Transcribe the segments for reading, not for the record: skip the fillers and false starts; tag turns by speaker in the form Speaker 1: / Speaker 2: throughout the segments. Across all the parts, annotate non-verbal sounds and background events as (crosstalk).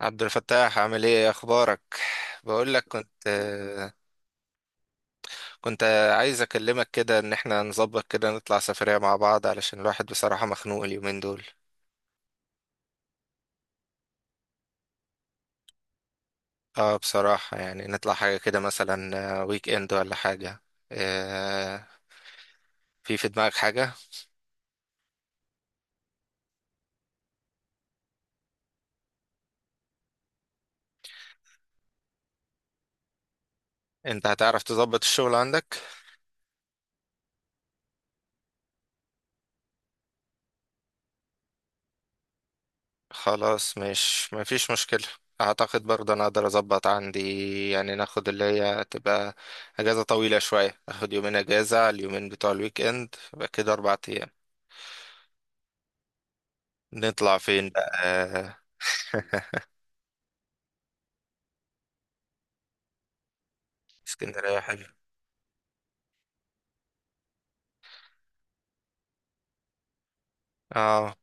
Speaker 1: عبد الفتاح، عامل ايه؟ إيه اخبارك؟ بقول لك كنت عايز اكلمك كده، ان احنا نظبط كده نطلع سفرية مع بعض علشان الواحد بصراحة مخنوق اليومين دول. اه بصراحة يعني، نطلع حاجة كده مثلا، ويك اند ولا حاجة. آه، في في دماغك حاجة؟ انت هتعرف تظبط الشغل عندك؟ خلاص، مش ما فيش مشكلة. اعتقد برضه انا اقدر اظبط عندي، يعني ناخد اللي هي تبقى اجازة طويلة شوية، اخد يومين اجازة على اليومين بتوع الويك اند، يبقى كده اربع ايام. نطلع فين بقى؟ اسكندرية حلو. اه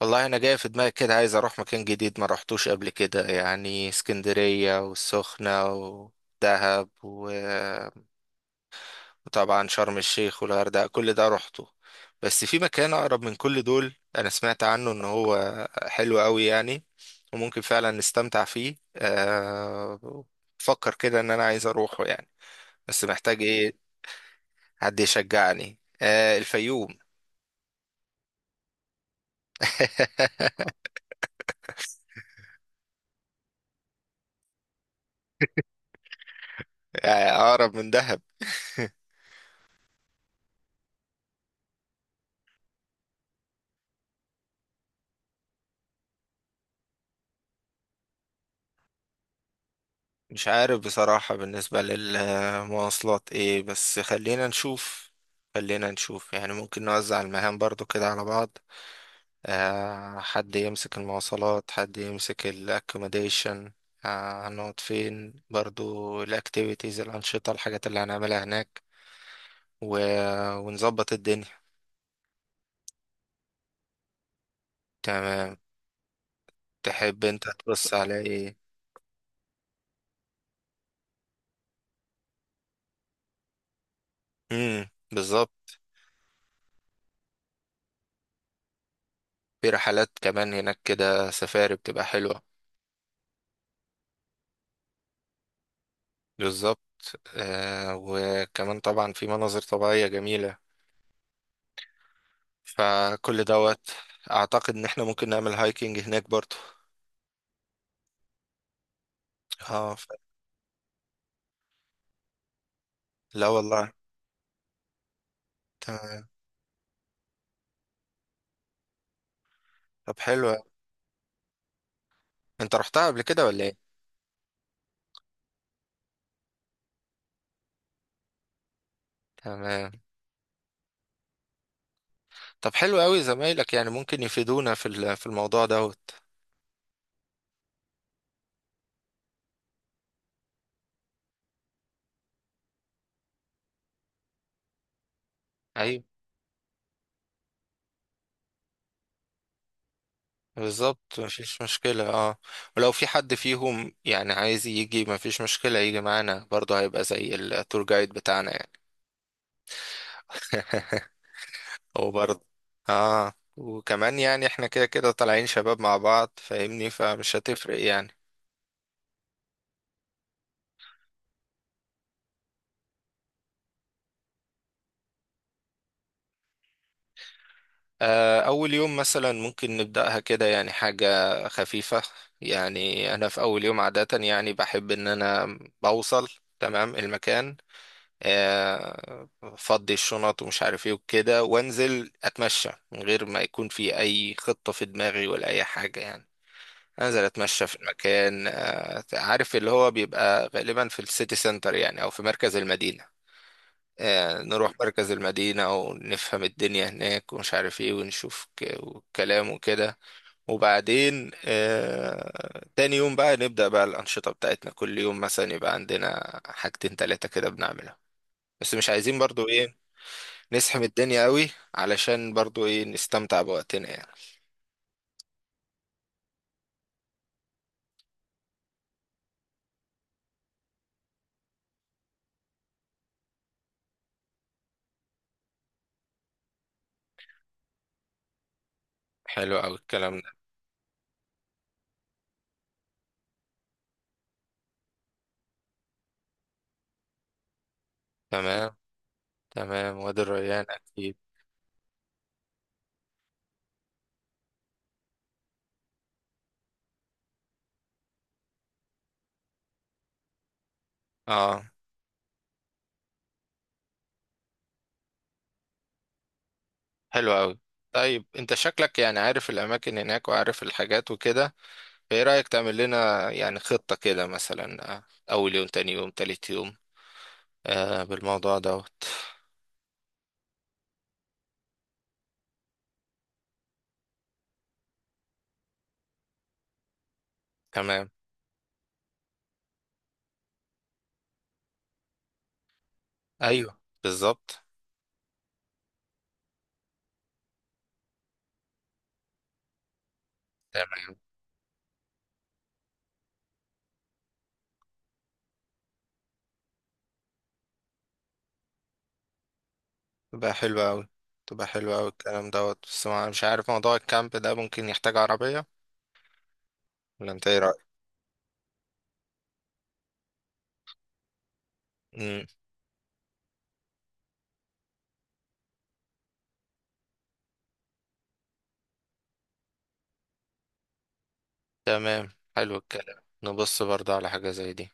Speaker 1: والله انا جاي في دماغي كده، عايز اروح مكان جديد ما رحتوش قبل كده، يعني اسكندرية والسخنة ودهب وطبعا شرم الشيخ والغردقة كل ده روحته. بس في مكان أقرب من كل دول أنا سمعت عنه إن هو حلو أوي يعني، وممكن فعلا نستمتع فيه. بفكر كده إن أنا عايز أروحه يعني. بس محتاج إيه، حد يشجعني. الفيوم. (laughs) يعني أقرب من دهب. (laughs) مش عارف بصراحة بالنسبة للمواصلات إيه، بس خلينا نشوف. خلينا نشوف يعني، ممكن نوزع المهام برضو كده على بعض. حد يمسك المواصلات، حد يمسك الاكوموديشن. هنقعد فين برضو؟ الاكتيفيتيز، الانشطه، الحاجات اللي هنعملها هناك، و... ونظبط الدنيا. تمام. تحب انت تبص على ايه؟ امم، بالظبط. في رحلات كمان هناك كده، سفاري بتبقى حلوه. بالظبط. آه، وكمان طبعا في مناظر طبيعيه جميله. فكل دوت، اعتقد ان احنا ممكن نعمل هايكنج هناك برضو. اه لا والله. تمام. طب حلو أوي. انت رحتها قبل كده ولا ايه؟ تمام. طب حلو قوي، زمايلك يعني ممكن يفيدونا في في الموضوع دوت. ايوه، بالظبط مفيش مشكلة. اه، ولو في حد فيهم يعني عايز يجي مفيش مشكلة، يجي معانا برضه، هيبقى زي التور جايد بتاعنا يعني. (laughs) هو برضه اه. وكمان يعني احنا كده كده طالعين شباب مع بعض، فاهمني، فمش هتفرق يعني. أول يوم مثلا ممكن نبدأها كده يعني حاجة خفيفة. يعني أنا في أول يوم عادة يعني بحب إن أنا بوصل تمام المكان، آه، فضي الشنط ومش عارف إيه وكده، وأنزل أتمشى من غير ما يكون في أي خطة في دماغي ولا أي حاجة يعني. أنزل أتمشى في المكان. عارف اللي هو بيبقى غالبا في السيتي سنتر، يعني أو في مركز المدينة. نروح مركز المدينة ونفهم الدنيا هناك ومش عارف ايه، ونشوف كلام وكده. وبعدين تاني يوم بقى نبدأ بقى الأنشطة بتاعتنا. كل يوم مثلا يبقى عندنا حاجتين تلاتة كده بنعملها، بس مش عايزين برضو ايه نسحم الدنيا قوي، علشان برضو ايه نستمتع بوقتنا يعني. حلو قوي الكلام ده. تمام. تمام، وادي الريان أكيد. اه، حلو قوي. طيب انت شكلك يعني عارف الأماكن هناك وعارف الحاجات وكده. ايه رأيك تعمل لنا يعني خطة كده، مثلا اول يوم، تاني يوم، تالت يوم، آه بالموضوع دوت. تمام. ايوه بالظبط. تمام. تبقى حلوة اوي. تبقى حلوة اوي الكلام دوت، بس ما مش عارف موضوع الكامب ده ممكن يحتاج عربية، ولا انت ايه رأيك؟ امم. تمام، حلو الكلام، نبص برضه على حاجة زي دي.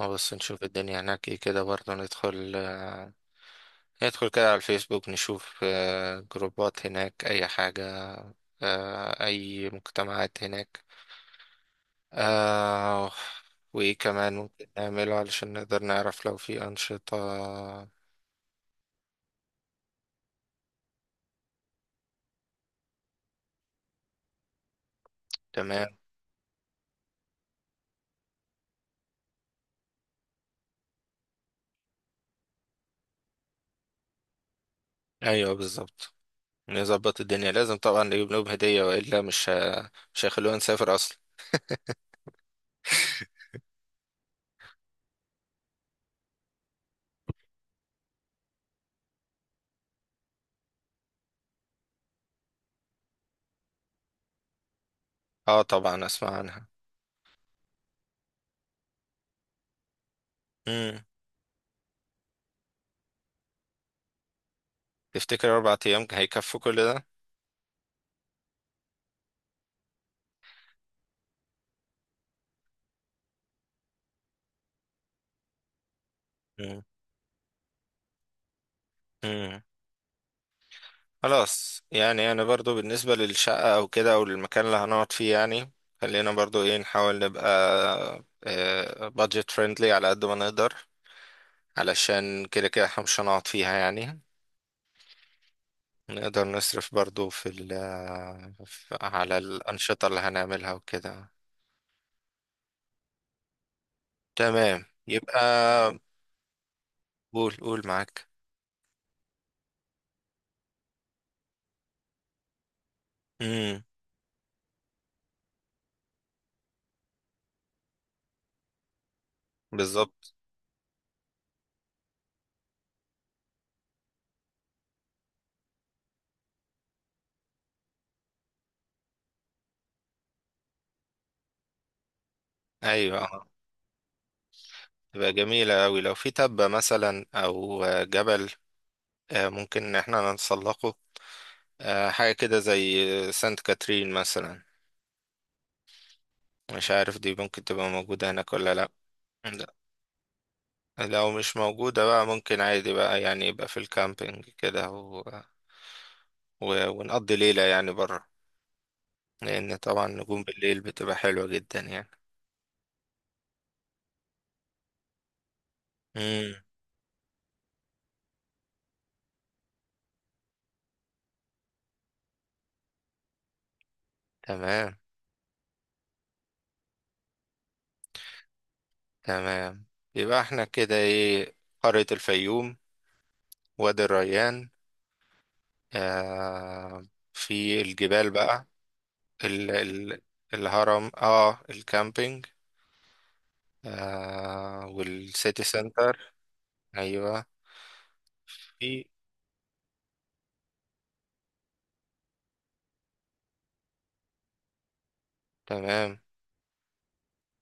Speaker 1: نبص نشوف الدنيا هناك ايه كده برضه، ندخل كده على الفيسبوك، نشوف جروبات هناك اي حاجة، اي مجتمعات هناك. آه، وإيه كمان ممكن نعمله علشان نقدر نعرف لو في أنشطة. تمام. أيوه، بالظبط. نظبط الدنيا. لازم طبعا نجيب لهم هدية وإلا مش مش هيخلونا نسافر أصلا. (laughs) اه طبعا أسمع عنها. مم. تفتكر أربع أيام هيكفوا كل ده؟ مم. مم. خلاص، يعني أنا برضو بالنسبة للشقة أو كده أو المكان اللي هنقعد فيه يعني، خلينا برضو إيه نحاول نبقى بادجت فريندلي على قد ما نقدر، علشان كده كده احنا مش هنقعد فيها يعني. نقدر نصرف برضو في ال على الأنشطة اللي هنعملها وكده. تمام يبقى. قول قول معاك. امم، بالظبط. ايوه آه. تبقى جميلة أوي لو في تبة مثلا أو جبل. ممكن إن احنا نتسلقه. حاجة كده زي سانت كاترين مثلا. مش عارف دي ممكن تبقى موجودة هناك ولا. لأ. لو مش موجودة بقى ممكن عادي بقى يعني، يبقى في الكامبينج كده ونقضي ليلة يعني برا، لأن طبعا نجوم بالليل بتبقى حلوة جدا يعني. مم. تمام. تمام يبقى احنا كده ايه: قرية الفيوم، وادي الريان، آه في الجبال بقى، ال... ال... الهرم، اه الكامبينج، والسيتي سنتر. ايوه. في تمام.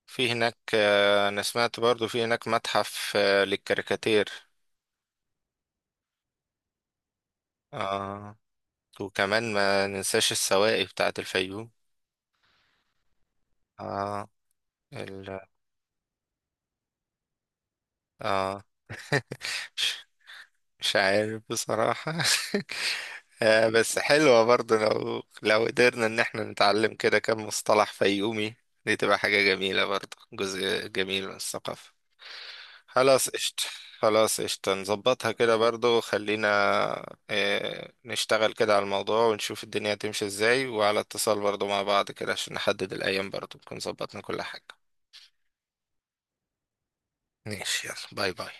Speaker 1: في هناك انا سمعت برضو في هناك متحف للكاريكاتير. آه، وكمان ما ننساش السواقي بتاعة الفيوم. آه ال... آه مش مش عارف بصراحة. (laughs) آه، بس حلوة برضو لو قدرنا ان احنا نتعلم كده كم مصطلح فيومي، دي تبقى حاجة جميلة برضو، جزء جميل من الثقافة. خلاص، قشطة. خلاص قشطة، نظبطها كده برضو. خلينا اه نشتغل كده على الموضوع، ونشوف الدنيا هتمشي ازاي، وعلى اتصال برضو مع بعض كده عشان نحدد الأيام برضو نكون ظبطنا كل حاجة. ماشي. يلا باي باي.